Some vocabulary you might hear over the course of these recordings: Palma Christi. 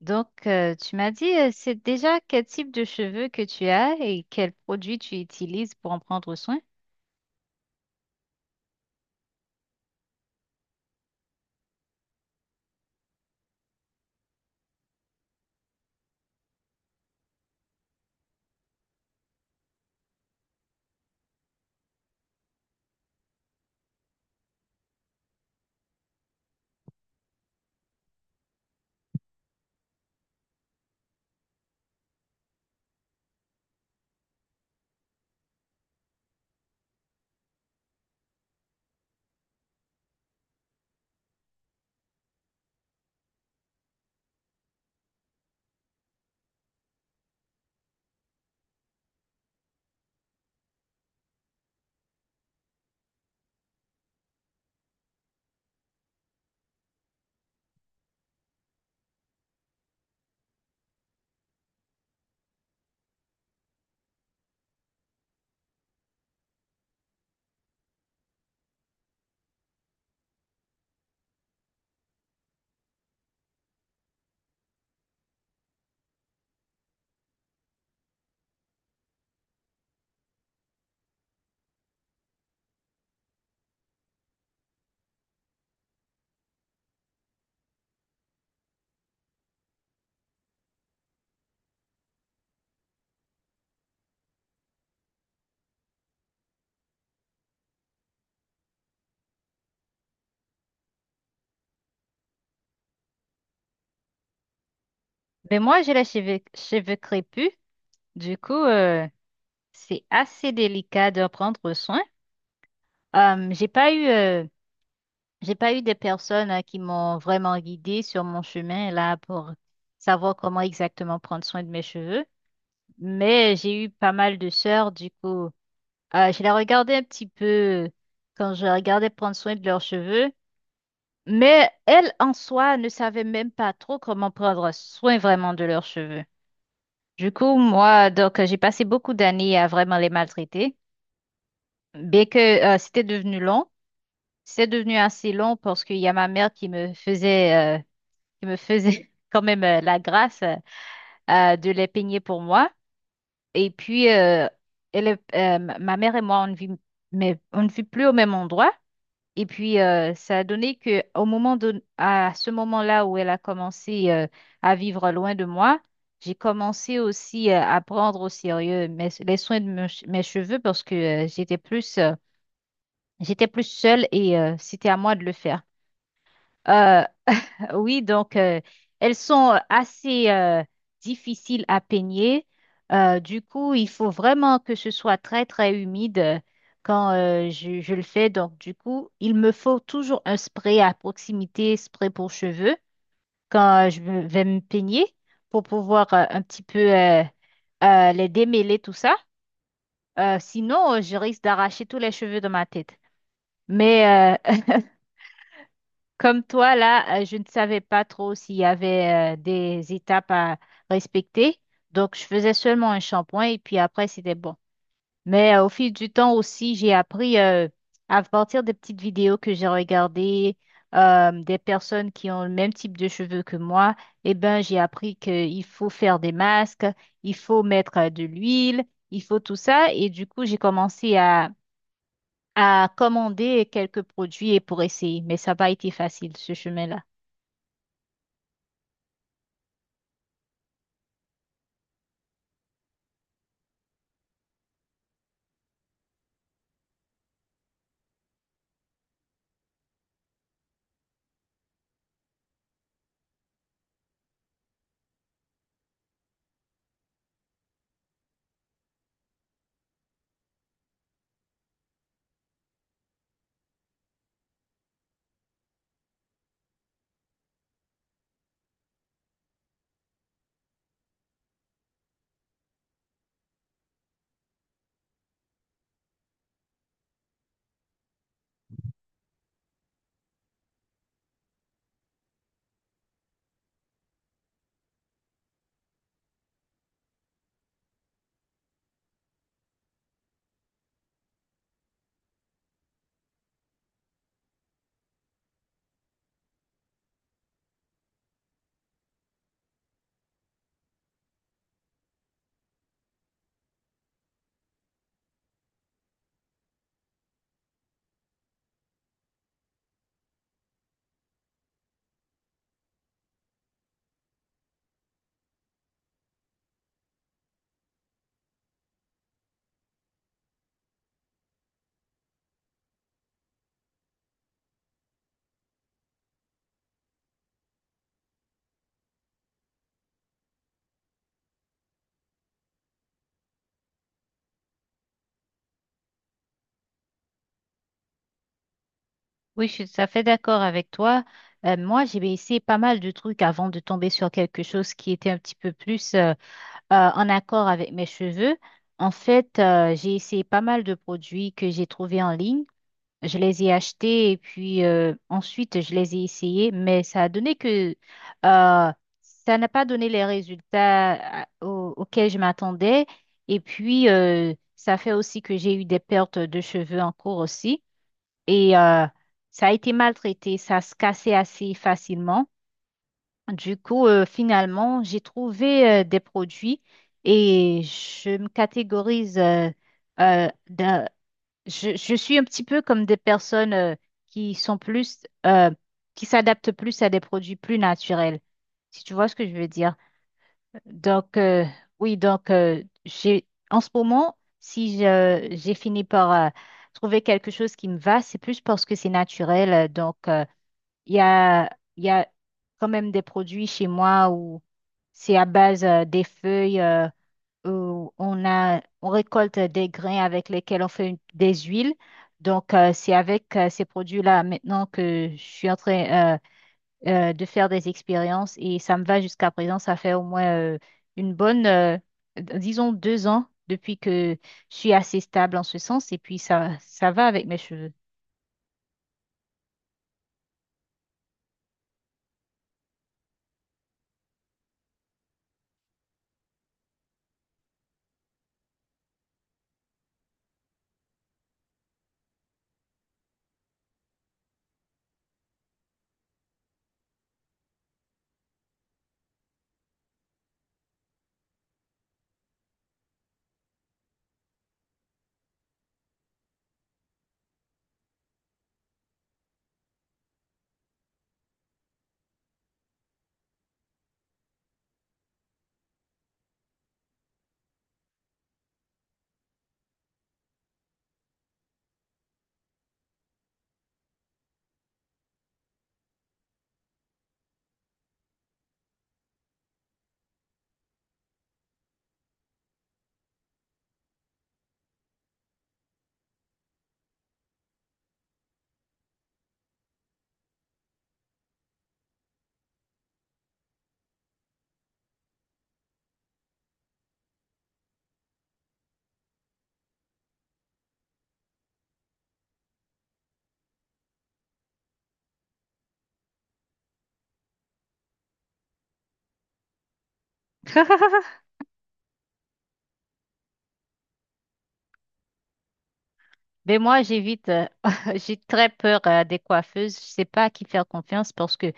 Donc, tu m'as dit, c'est déjà quel type de cheveux que tu as et quels produits tu utilises pour en prendre soin? Ben moi, j'ai les cheveux crépus. Du coup, c'est assez délicat d'en prendre soin. Euh, j'ai pas eu, euh, j'ai pas eu des personnes qui m'ont vraiment guidée sur mon chemin là pour savoir comment exactement prendre soin de mes cheveux. Mais j'ai eu pas mal de sœurs. Du coup, je les regardais un petit peu quand je regardais prendre soin de leurs cheveux. Mais elles, en soi, ne savaient même pas trop comment prendre soin vraiment de leurs cheveux. Du coup, moi, donc, j'ai passé beaucoup d'années à vraiment les maltraiter. Bien que c'était devenu long, c'est devenu assez long parce qu'il y a ma mère qui me qui me faisait quand même la grâce de les peigner pour moi. Et puis, ma mère et moi, on ne vit, mais on ne vit plus au même endroit. Et puis, ça a donné que au moment de, à ce moment-là où elle a commencé à vivre loin de moi, j'ai commencé aussi à prendre au sérieux les soins de mes cheveux parce que j'étais plus seule et c'était à moi de le faire. Euh, oui, donc elles sont assez difficiles à peigner. Du coup, il faut vraiment que ce soit très, très humide quand je le fais. Donc, du coup, il me faut toujours un spray à proximité, spray pour cheveux, quand vais me peigner pour pouvoir un petit peu les démêler, tout ça. Sinon, je risque d'arracher tous les cheveux de ma tête. Mais euh, Comme toi, là, je ne savais pas trop s'il y avait des étapes à respecter. Donc, je faisais seulement un shampoing et puis après, c'était bon. Mais au fil du temps aussi, j'ai appris à partir des petites vidéos que j'ai regardées, des personnes qui ont le même type de cheveux que moi. Eh ben, j'ai appris qu'il faut faire des masques, il faut mettre de l'huile, il faut tout ça. Et du coup, j'ai commencé à commander quelques produits et pour essayer. Mais ça n'a pas été facile, ce chemin-là. Oui, je suis tout à fait d'accord avec toi. Moi, j'ai essayé pas mal de trucs avant de tomber sur quelque chose qui était un petit peu plus en accord avec mes cheveux. En fait, j'ai essayé pas mal de produits que j'ai trouvés en ligne. Je les ai achetés et puis ensuite, je les ai essayés, mais ça a donné que euh, ça n'a pas donné les résultats auxquels je m'attendais. Et puis, ça fait aussi que j'ai eu des pertes de cheveux en cours aussi et ça a été maltraité, ça se cassait assez facilement. Du coup, finalement, j'ai trouvé des produits et je me catégorise, euh, d'un- je suis un petit peu comme des personnes qui sont qui s'adaptent plus à des produits plus naturels, si tu vois ce que je veux dire. Donc, oui, donc, j'ai, en ce moment, si je- j'ai fini par trouver quelque chose qui me va, c'est plus parce que c'est naturel. Donc, il y a, il y a quand même des produits chez moi où c'est à base des feuilles, où on récolte des grains avec lesquels on fait des huiles. Donc, c'est avec ces produits-là maintenant que je suis en train de faire des expériences et ça me va jusqu'à présent. Ça fait au moins une disons, deux ans depuis que je suis assez stable en ce sens et puis ça va avec mes cheveux. Mais moi, j'évite, j'ai très peur des coiffeuses. Je sais pas à qui faire confiance parce que,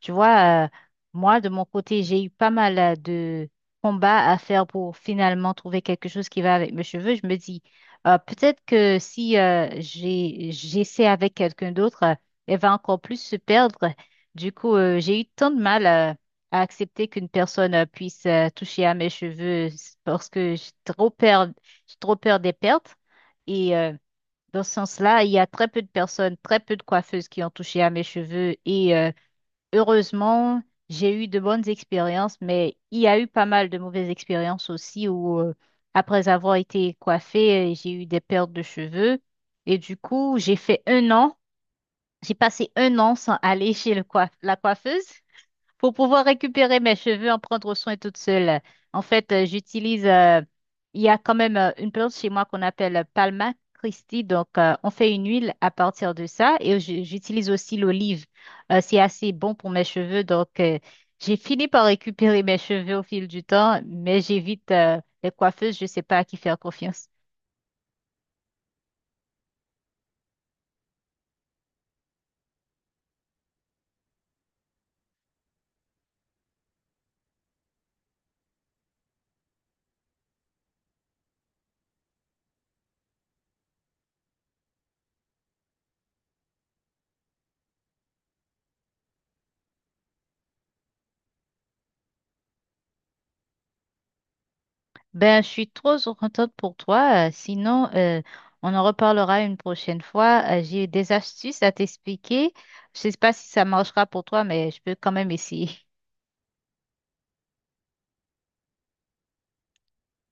tu vois, moi, de mon côté, j'ai eu pas mal de combats à faire pour finalement trouver quelque chose qui va avec mes cheveux. Je me dis, peut-être que si j'essaie avec quelqu'un d'autre, elle va encore plus se perdre. Du coup, j'ai eu tant de mal à accepter qu'une personne puisse toucher à mes cheveux parce que j'ai trop peur des pertes. Et dans ce sens-là, il y a très peu de personnes, très peu de coiffeuses qui ont touché à mes cheveux et heureusement, j'ai eu de bonnes expériences, mais il y a eu pas mal de mauvaises expériences aussi où après avoir été coiffée, j'ai eu des pertes de cheveux et du coup, j'ai passé un an sans aller chez la coiffeuse pour pouvoir récupérer mes cheveux, en prendre soin toute seule. En fait, il y a quand même une plante chez moi qu'on appelle Palma Christi. Donc, on fait une huile à partir de ça et j'utilise aussi l'olive. C'est assez bon pour mes cheveux. Donc, j'ai fini par récupérer mes cheveux au fil du temps, mais j'évite, les coiffeuses. Je ne sais pas à qui faire confiance. Ben, je suis trop contente pour toi. Sinon, on en reparlera une prochaine fois. J'ai des astuces à t'expliquer. Je sais pas si ça marchera pour toi, mais je peux quand même essayer.